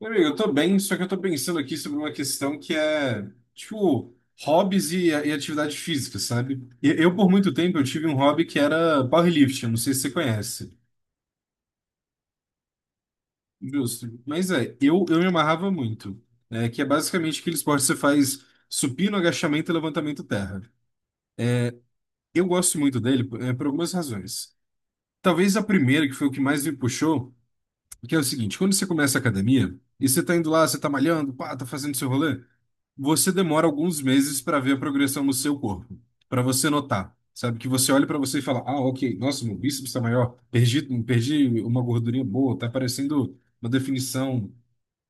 Meu amigo, eu tô bem, só que eu tô pensando aqui sobre uma questão que é, tipo, hobbies e atividade física, sabe? Eu, por muito tempo, eu tive um hobby que era powerlifting, não sei se você conhece. Justo. Mas eu me amarrava muito, né? Que é basicamente aquele esporte que você faz supino, agachamento e levantamento terra. Eu gosto muito dele, por algumas razões. Talvez a primeira, que foi o que mais me puxou. Porque é o seguinte: quando você começa a academia e você tá indo lá, você tá malhando, pá, tá fazendo seu rolê, você demora alguns meses para ver a progressão no seu corpo, para você notar. Sabe que você olha para você e fala: "Ah, OK, nossa, meu bíceps tá maior, perdi uma gordurinha boa, tá parecendo uma definição".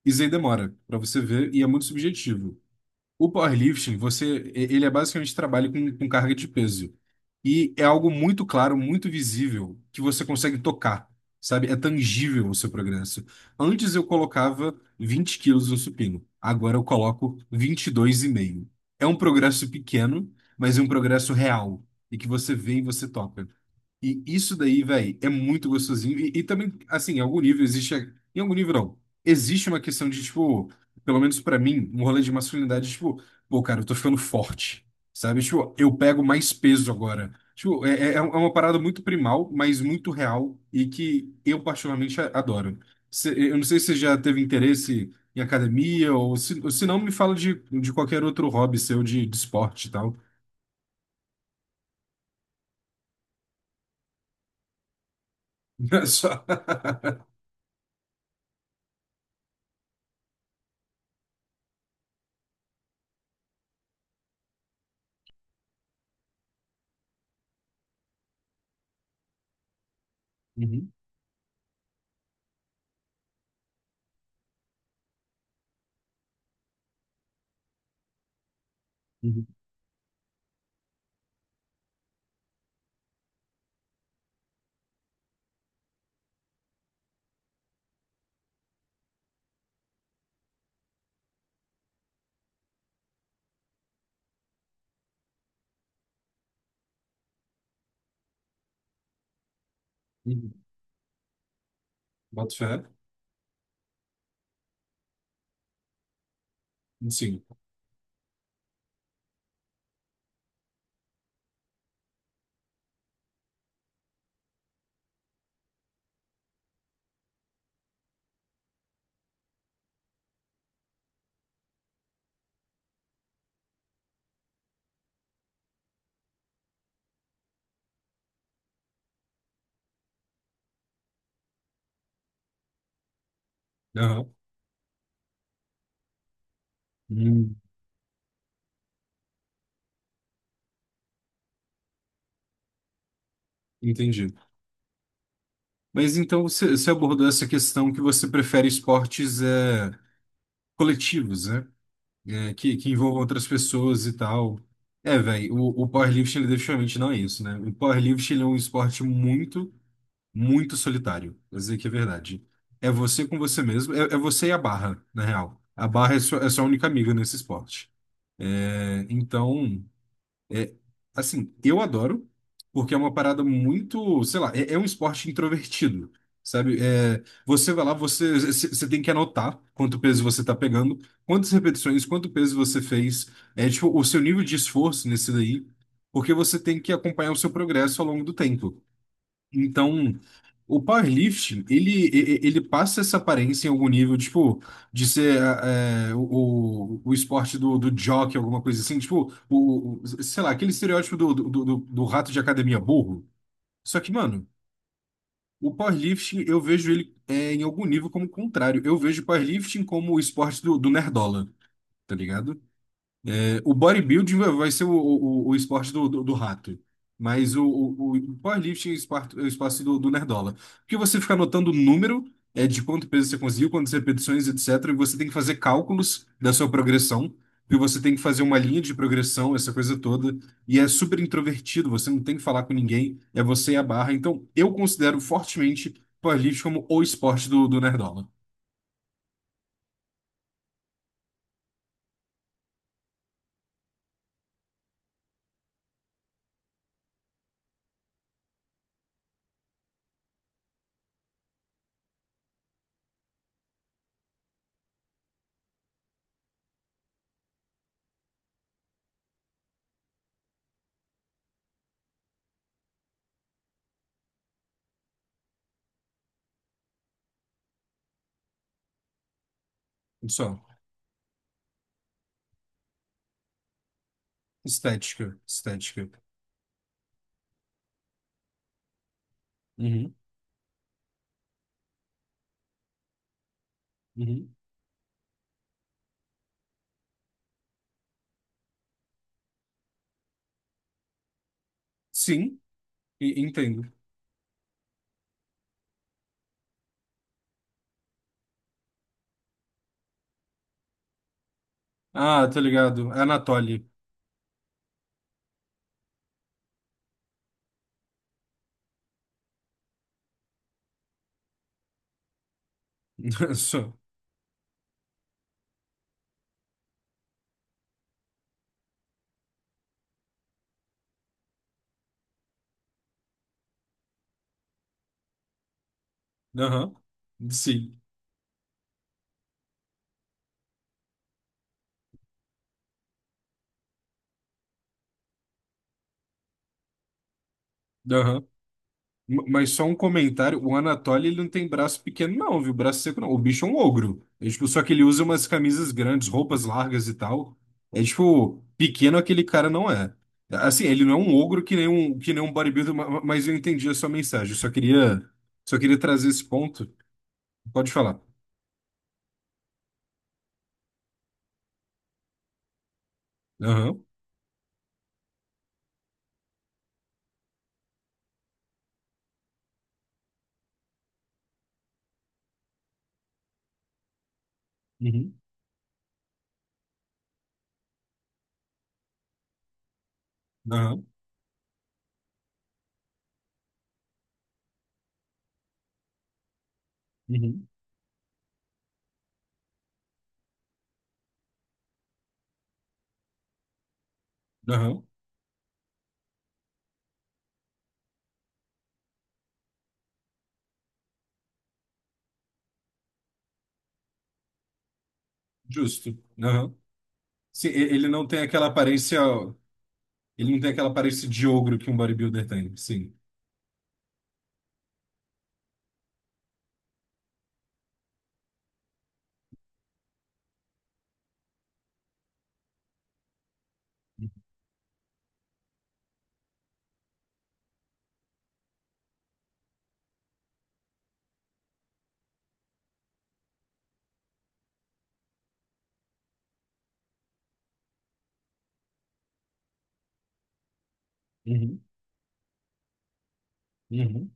Isso aí demora para você ver e é muito subjetivo. O powerlifting, ele é basicamente trabalho com carga de peso. E é algo muito claro, muito visível, que você consegue tocar, sabe? É tangível o seu progresso. Antes eu colocava 20 quilos no supino, agora eu coloco 22,5. É um progresso pequeno, mas é um progresso real, e que você vê e você toca. E isso daí, velho, é muito gostosinho. E também, assim, em algum nível existe. Em algum nível não. Existe uma questão de, tipo, pelo menos pra mim, um rolê de masculinidade, tipo, pô, cara, eu tô ficando forte, sabe? Tipo, eu pego mais peso agora. Tipo, é uma parada muito primal, mas muito real e que eu particularmente adoro. Eu não sei se você já teve interesse em academia ou se não, me fala de qualquer outro hobby seu de esporte e tal. Só- Uhum, uhum, uhum. Boto fé. Sim. Aham. Hum, entendi. Mas então você abordou essa questão que você prefere esportes coletivos, né? É, que envolvam outras pessoas e tal. É, velho, o powerlifting ele definitivamente não é isso, né? O powerlifting ele é um esporte muito, muito solitário. Vou dizer que é verdade. É você com você mesmo, é você e a barra, na real. A barra é sua única amiga nesse esporte. É, então. É, assim, eu adoro, porque é uma parada muito, sei lá, é um esporte introvertido, sabe? É, você vai lá, você tem que anotar quanto peso você tá pegando, quantas repetições, quanto peso você fez, é tipo, o seu nível de esforço nesse daí, porque você tem que acompanhar o seu progresso ao longo do tempo. Então, o powerlifting, ele passa essa aparência em algum nível, tipo, de ser o esporte do jockey, alguma coisa assim, tipo, sei lá, aquele estereótipo do rato de academia burro. Só que, mano, o powerlifting, eu vejo ele em algum nível como contrário. Eu vejo o powerlifting como o esporte do nerdola, tá ligado? O bodybuilding vai ser o esporte do rato. Mas o powerlifting é é o espaço do nerdola. Porque você fica anotando o número de quanto peso você conseguiu, quantas repetições, etc. E você tem que fazer cálculos da sua progressão. E você tem que fazer uma linha de progressão, essa coisa toda. E é super introvertido, você não tem que falar com ninguém. É você e a barra. Então, eu considero fortemente powerlifting como o esporte do nerdola. Só. Estética. Estética. Uhum, uhum. Sim, entendo. Ah, tô ligado. Anatoly. Só. Aham. Sim. Aham. Mas só um comentário. O Anatoly, ele não tem braço pequeno, não, viu? Braço seco, não. O bicho é um ogro. É, tipo, só que ele usa umas camisas grandes, roupas largas e tal. É tipo, pequeno aquele cara não é. Assim, ele não é um ogro que nem um bodybuilder, mas eu entendi a sua mensagem. Eu só queria trazer esse ponto. Pode falar. Aham. Uhum. Aham. Uhum. Aham. Justo. Aham. Sim, ele não tem aquela aparência, ele não tem aquela aparência de ogro que um bodybuilder tem, sim. Uhum, uhum.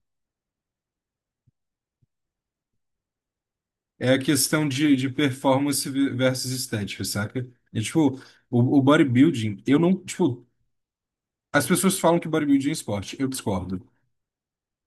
É a questão de performance versus estética, saca? É tipo, o bodybuilding, eu não, tipo, as pessoas falam que bodybuilding é esporte, eu discordo.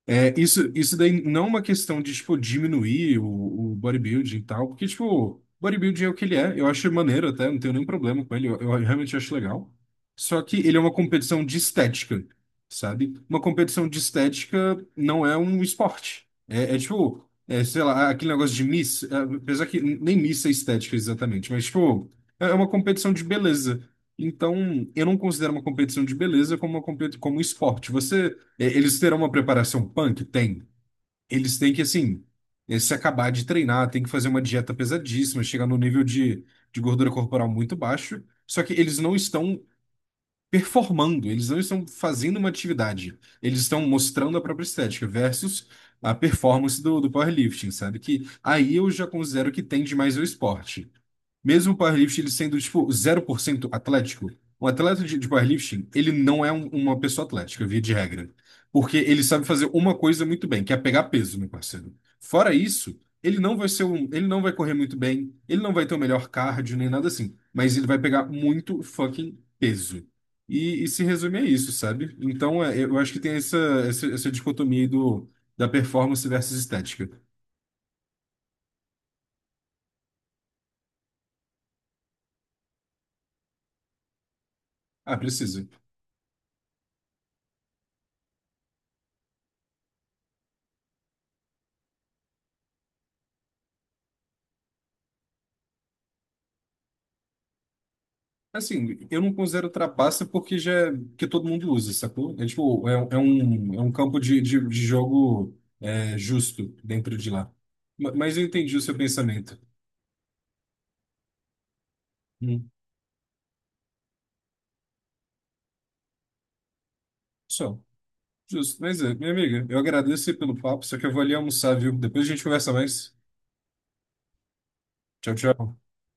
É, isso daí não é uma questão de, tipo, diminuir o bodybuilding e tal, porque, tipo, bodybuilding é o que ele é, eu acho maneiro até, não tenho nenhum problema com ele, eu realmente acho legal. Só que ele é uma competição de estética, sabe? Uma competição de estética não é um esporte. É tipo, é, sei lá, aquele negócio de Miss, apesar que nem Miss é estética exatamente, mas, tipo, é uma competição de beleza. Então, eu não considero uma competição de beleza como uma competição, como um esporte. Eles terão uma preparação punk? Tem. Eles têm que, assim, se acabar de treinar, tem que fazer uma dieta pesadíssima, chegar no nível de gordura corporal muito baixo. Só que eles não estão performando, eles não estão fazendo uma atividade, eles estão mostrando a própria estética versus a performance do powerlifting, sabe? Que aí eu já considero que tende mais ao esporte. Mesmo o powerlifting ele sendo, tipo, 0% atlético, um atleta de powerlifting, ele não é uma pessoa atlética, via de regra. Porque ele sabe fazer uma coisa muito bem, que é pegar peso, meu parceiro. Fora isso, ele não vai ser um, ele não vai correr muito bem, ele não vai ter o melhor cardio, nem nada assim. Mas ele vai pegar muito fucking peso. E se resume a isso, sabe? Então, eu acho que tem essa dicotomia aí da performance versus estética. Ah, precisa. Assim, eu não considero trapaça porque já que todo mundo usa, sacou? É tipo, é um campo de jogo justo dentro de lá. Mas eu entendi o seu pensamento. Hum, só. Justo. Mas minha amiga, eu agradeço aí pelo papo, só que eu vou ali almoçar, viu? Depois a gente conversa mais. Tchau, tchau.